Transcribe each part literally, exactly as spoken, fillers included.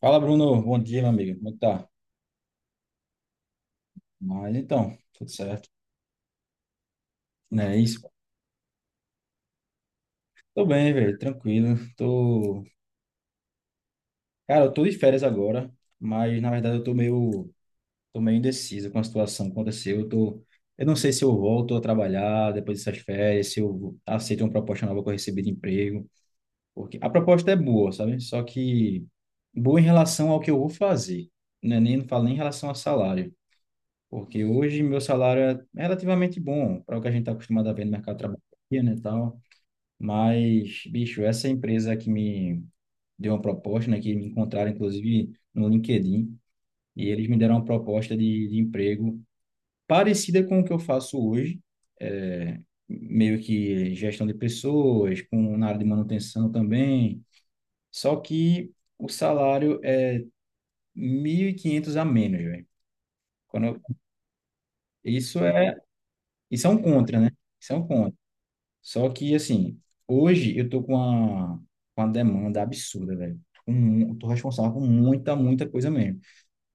Fala, Bruno. Bom dia, meu amigo. Como é que tá? Mas então, tudo certo. Não é isso? Tô bem, velho. Tranquilo. Tô. Cara, eu tô de férias agora, mas na verdade eu tô meio, tô meio indeciso com a situação que aconteceu. Eu tô... eu não sei se eu volto a trabalhar depois dessas férias, se eu aceito uma proposta nova que eu recebi de emprego. Porque a proposta é boa, sabe? Só que boa em relação ao que eu vou fazer. Não é nem, não falo nem em relação a salário. Porque hoje meu salário é relativamente bom para o que a gente está acostumado a ver no mercado de trabalho aqui, né, e tal. Mas, bicho, essa empresa que me deu uma proposta, né, que me encontraram inclusive no LinkedIn, e eles me deram uma proposta de, de emprego parecida com o que eu faço hoje, é, meio que gestão de pessoas, com na área de manutenção também. Só que o salário é mil e quinhentos a menos, velho. Quando eu- isso é, isso é um contra, né? Isso é um contra. Só que, assim, hoje eu tô com uma, com uma demanda absurda, velho. Com mu- Tô responsável por muita, muita coisa mesmo.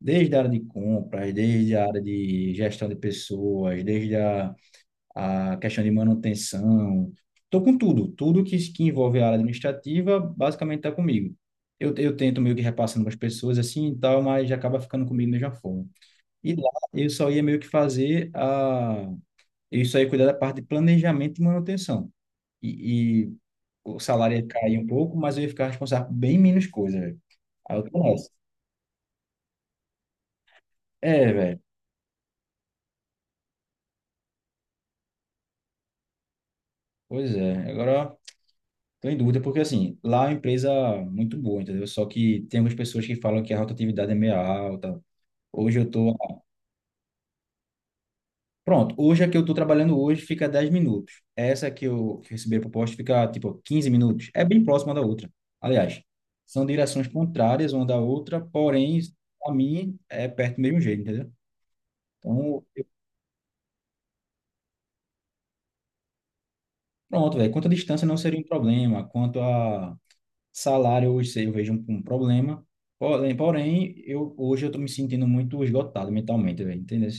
Desde a área de compras, desde a área de gestão de pessoas, desde a, a questão de manutenção. Tô com tudo. Tudo que, que envolve a área administrativa, basicamente tá comigo. Eu, eu tento meio que repassando para as pessoas assim e tal, mas acaba ficando comigo da mesma forma. E lá eu só ia meio que fazer a... Eu só ia cuidar da parte de planejamento e manutenção. E o salário ia cair um pouco, mas eu ia ficar responsável por bem menos coisa, velho. Aí eu tô nessa. É, velho. Pois é. Agora, tô em dúvida, porque assim, lá é uma empresa muito boa, entendeu? Só que tem algumas pessoas que falam que a rotatividade é meio alta. Hoje eu tô. Pronto, hoje a que eu tô trabalhando hoje fica dez minutos. Essa que eu que recebi a proposta fica, tipo, quinze minutos. É bem próxima da outra. Aliás, são direções contrárias uma da outra, porém, a mim é perto do mesmo jeito, entendeu? Então, pronto, velho. Quanto à distância não seria um problema, quanto a salário, hoje eu vejo um, um problema. Porém, porém, eu, hoje eu tô me sentindo muito esgotado mentalmente, velho, entendeu?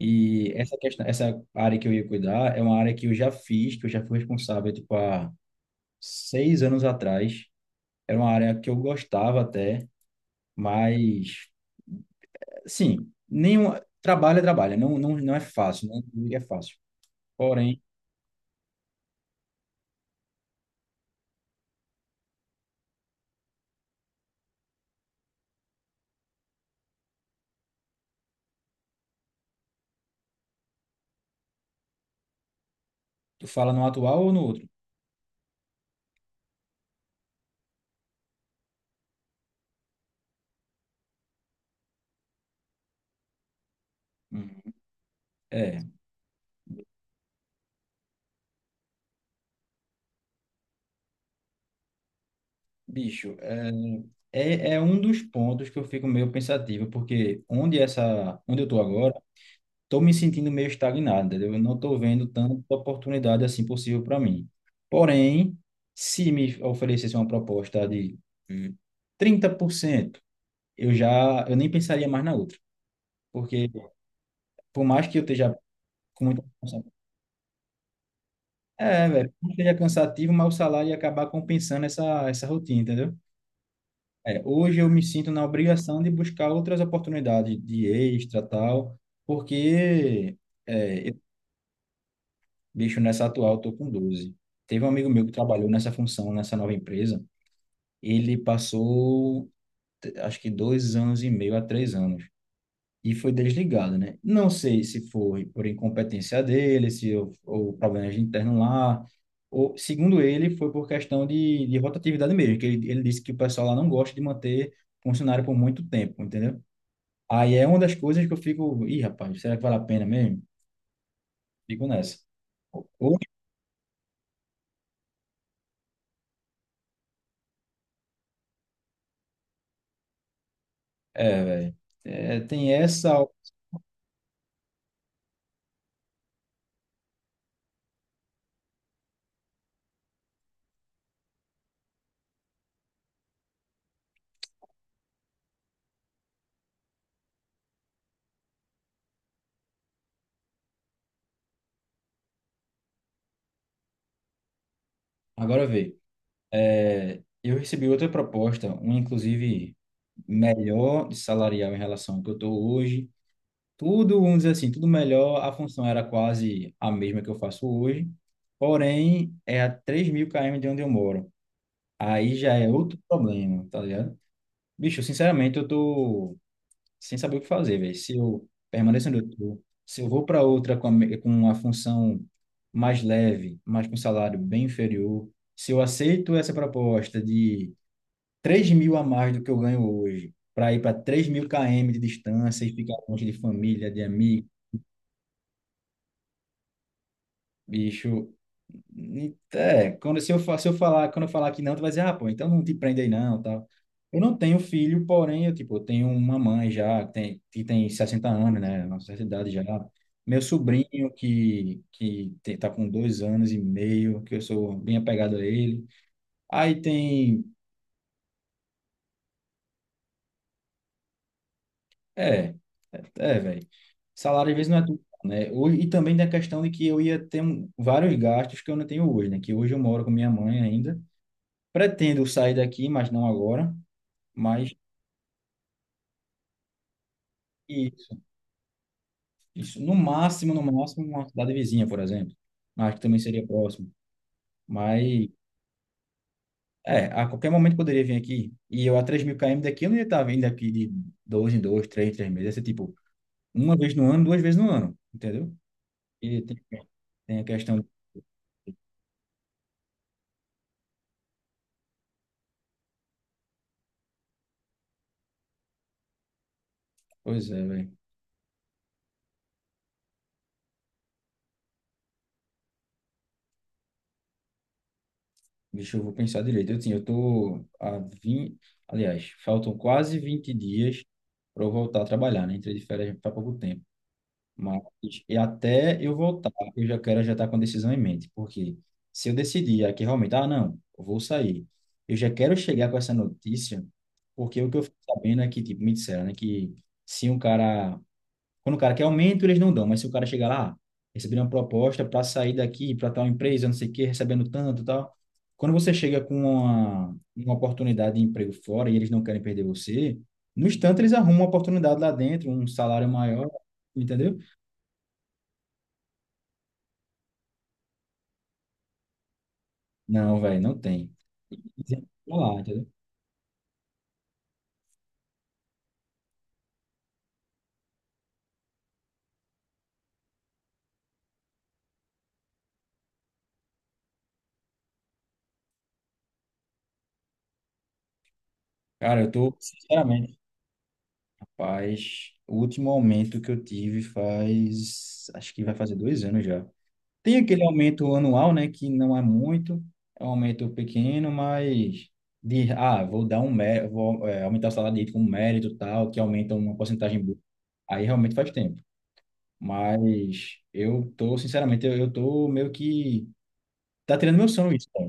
E essa questão, essa área que eu ia cuidar é uma área que eu já fiz, que eu já fui responsável, tipo, há seis anos atrás. Era uma área que eu gostava até, mas, sim, nenhum, trabalho é trabalho, não, não, não é fácil, não é fácil. Porém, tu fala no atual ou no outro? Hum, é. Bicho, é, é, é um dos pontos que eu fico meio pensativo, porque onde essa, onde eu tô agora, tô me sentindo meio estagnado, entendeu? Eu não tô vendo tanta oportunidade assim possível para mim. Porém, se me oferecesse uma proposta de hum, trinta por cento, eu já, eu nem pensaria mais na outra, porque por mais que eu esteja com muita... É, velho, por mais que seja cansativo, mas o salário ia acabar compensando essa, essa rotina, entendeu? É, hoje eu me sinto na obrigação de buscar outras oportunidades de extra, tal, porque, é, eu- bicho, nessa atual eu tô com doze. Teve um amigo meu que trabalhou nessa função, nessa nova empresa, ele passou, t- acho que dois anos e meio a três anos, e foi desligado, né? Não sei se foi por incompetência dele, se ou, ou problemas internos lá, ou, segundo ele, foi por questão de, de rotatividade mesmo, que ele, ele disse que o pessoal lá não gosta de manter funcionário por muito tempo, entendeu? Aí é uma das coisas que eu fico, ih, rapaz, será que vale a pena mesmo? Fico nessa. Ou, é, velho, é, tem essa, agora vê. É, eu recebi outra proposta, uma inclusive melhor de salarial em relação ao que eu estou hoje. Tudo, vamos dizer assim, tudo melhor, a função era quase a mesma que eu faço hoje, porém é a três mil km de onde eu moro. Aí já é outro problema, tá ligado? Bicho, sinceramente, eu tô sem saber o que fazer, velho. Se eu permaneço onde eu tô, se eu vou para outra com, a, me- com uma função mais leve, mas com um salário bem inferior, se eu aceito essa proposta de três mil a mais do que eu ganho hoje, para ir para três mil km de distância e ficar longe de família, de amigos. Bicho, ni- é, quando se eu, fa- Se eu falar, quando eu falar que não, tu vai dizer, ah, pô, então não te prende aí não, tal. Eu não tenho filho, porém, eu, tipo, eu tenho uma mãe já, que tem, que tem sessenta anos, né, nossa idade já. Meu sobrinho, que, que te- tá com dois anos e meio, que eu sou bem apegado a ele. Aí tem, é, é, é, velho. Salário às vezes não é tudo, né? ou E também da questão de que eu ia ter um- vários gastos que eu não tenho hoje, né? Que hoje eu moro com minha mãe ainda. Pretendo sair daqui, mas não agora. Mas isso, isso. No máximo, no máximo, uma cidade vizinha, por exemplo. Mas que também seria próximo. Mas, é, a qualquer momento poderia vir aqui. E eu a três mil km daqui, eu não ia estar vindo aqui de dois em dois, três em três meses. Ia ser tipo, uma vez no ano, duas vezes no ano. Entendeu? E tem, tem a questão. Pois é, velho. Deixa eu vou pensar direito. Eu, assim, eu tô a vinte. Aliás, faltam quase vinte dias para eu voltar a trabalhar, né? Entrei de férias faz pouco tempo. Mas e até eu voltar, eu já quero já estar com a decisão em mente, porque se eu decidir aqui realmente, ah, não, eu vou sair, eu já quero chegar com essa notícia, porque o que eu fico sabendo é que, tipo, me disseram, né, que se um cara, quando o cara quer aumento, eles não dão, mas se o cara chegar lá, ah, receber uma proposta para sair daqui, para tal empresa, não sei o quê, recebendo tanto e tal, quando você chega com uma, uma oportunidade de emprego fora e eles não querem perder você, no instante eles arrumam uma oportunidade lá dentro, um salário maior, entendeu? Não, velho, não tem. Exemplo lá, entendeu? Cara, eu tô, sinceramente, rapaz, o último aumento que eu tive faz, acho que vai fazer dois anos já. Tem aquele aumento anual, né, que não é muito, é um aumento pequeno, mas de, ah, vou dar um mérito, vou, é, aumentar o salário dele com mérito e tal, que aumenta uma porcentagem boa. Aí realmente faz tempo. Mas eu tô, sinceramente, eu, eu tô meio que, tá tirando meu sono isso, cara.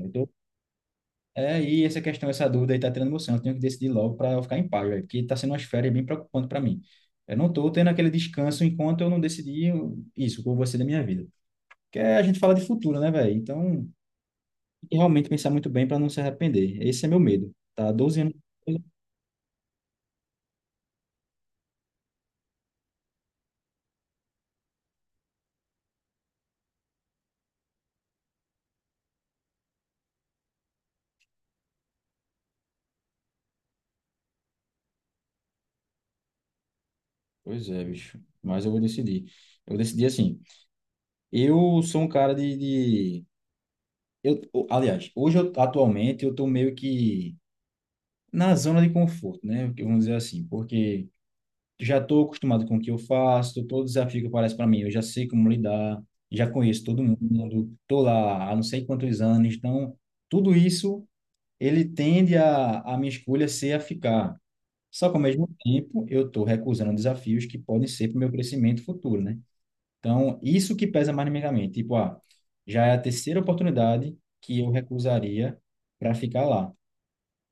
É, e essa questão, essa dúvida aí tá tirando emoção. Eu tenho que decidir logo para eu ficar em paz, velho, porque tá sendo umas férias bem preocupante para mim. Eu não tô tendo aquele descanso enquanto eu não decidir isso, o que eu vou ser da minha vida. Porque a gente fala de futuro, né, velho? Então, tem que realmente pensar muito bem para não se arrepender. Esse é meu medo, tá? Há doze anos. Pois é, bicho. Mas eu vou decidir. Eu decidi assim. Eu sou um cara de, de... Eu, o- aliás, hoje, eu, atualmente, eu tô meio que na zona de conforto, né? Vamos dizer assim, porque já estou acostumado com o que eu faço, todo desafio que aparece para mim, eu já sei como lidar, já conheço todo mundo, estou lá há não sei quantos anos, então tudo isso ele tende a, a minha escolha ser a ficar. Só que ao mesmo tempo eu estou recusando desafios que podem ser para o meu crescimento futuro, né? Então isso que pesa mais na minha mente, tipo, ah, já é a terceira oportunidade que eu recusaria para ficar lá.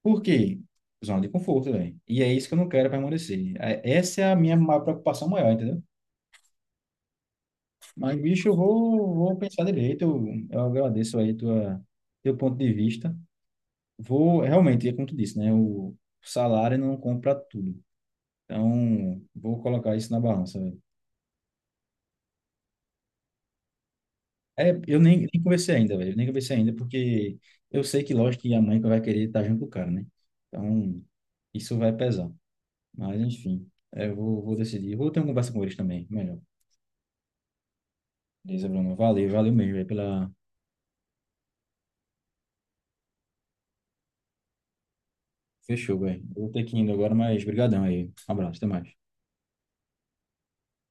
Por quê? Zona de conforto, velho. E é isso que eu não quero permanecer. É- essa é a minha maior preocupação maior, entendeu? Mas, bicho, eu vou, vou pensar direito. Eu, eu agradeço aí tua, teu ponto de vista. Vou, realmente, é como tu disse, né? O salário não compra tudo. Então, vou colocar isso na balança, velho. É, eu nem, nem conversei ainda, velho. Eu nem conversei ainda, porque eu sei que, lógico, que a mãe que vai querer estar junto com o cara, né? Então, isso vai pesar. Mas, enfim, é, eu vou, vou decidir. Vou ter uma conversa com eles também, melhor. Beleza, Bruno. Valeu, valeu mesmo aí pela. Fechou, velho. Eu vou ter que ir indo agora, mas brigadão aí. Um abraço, até mais.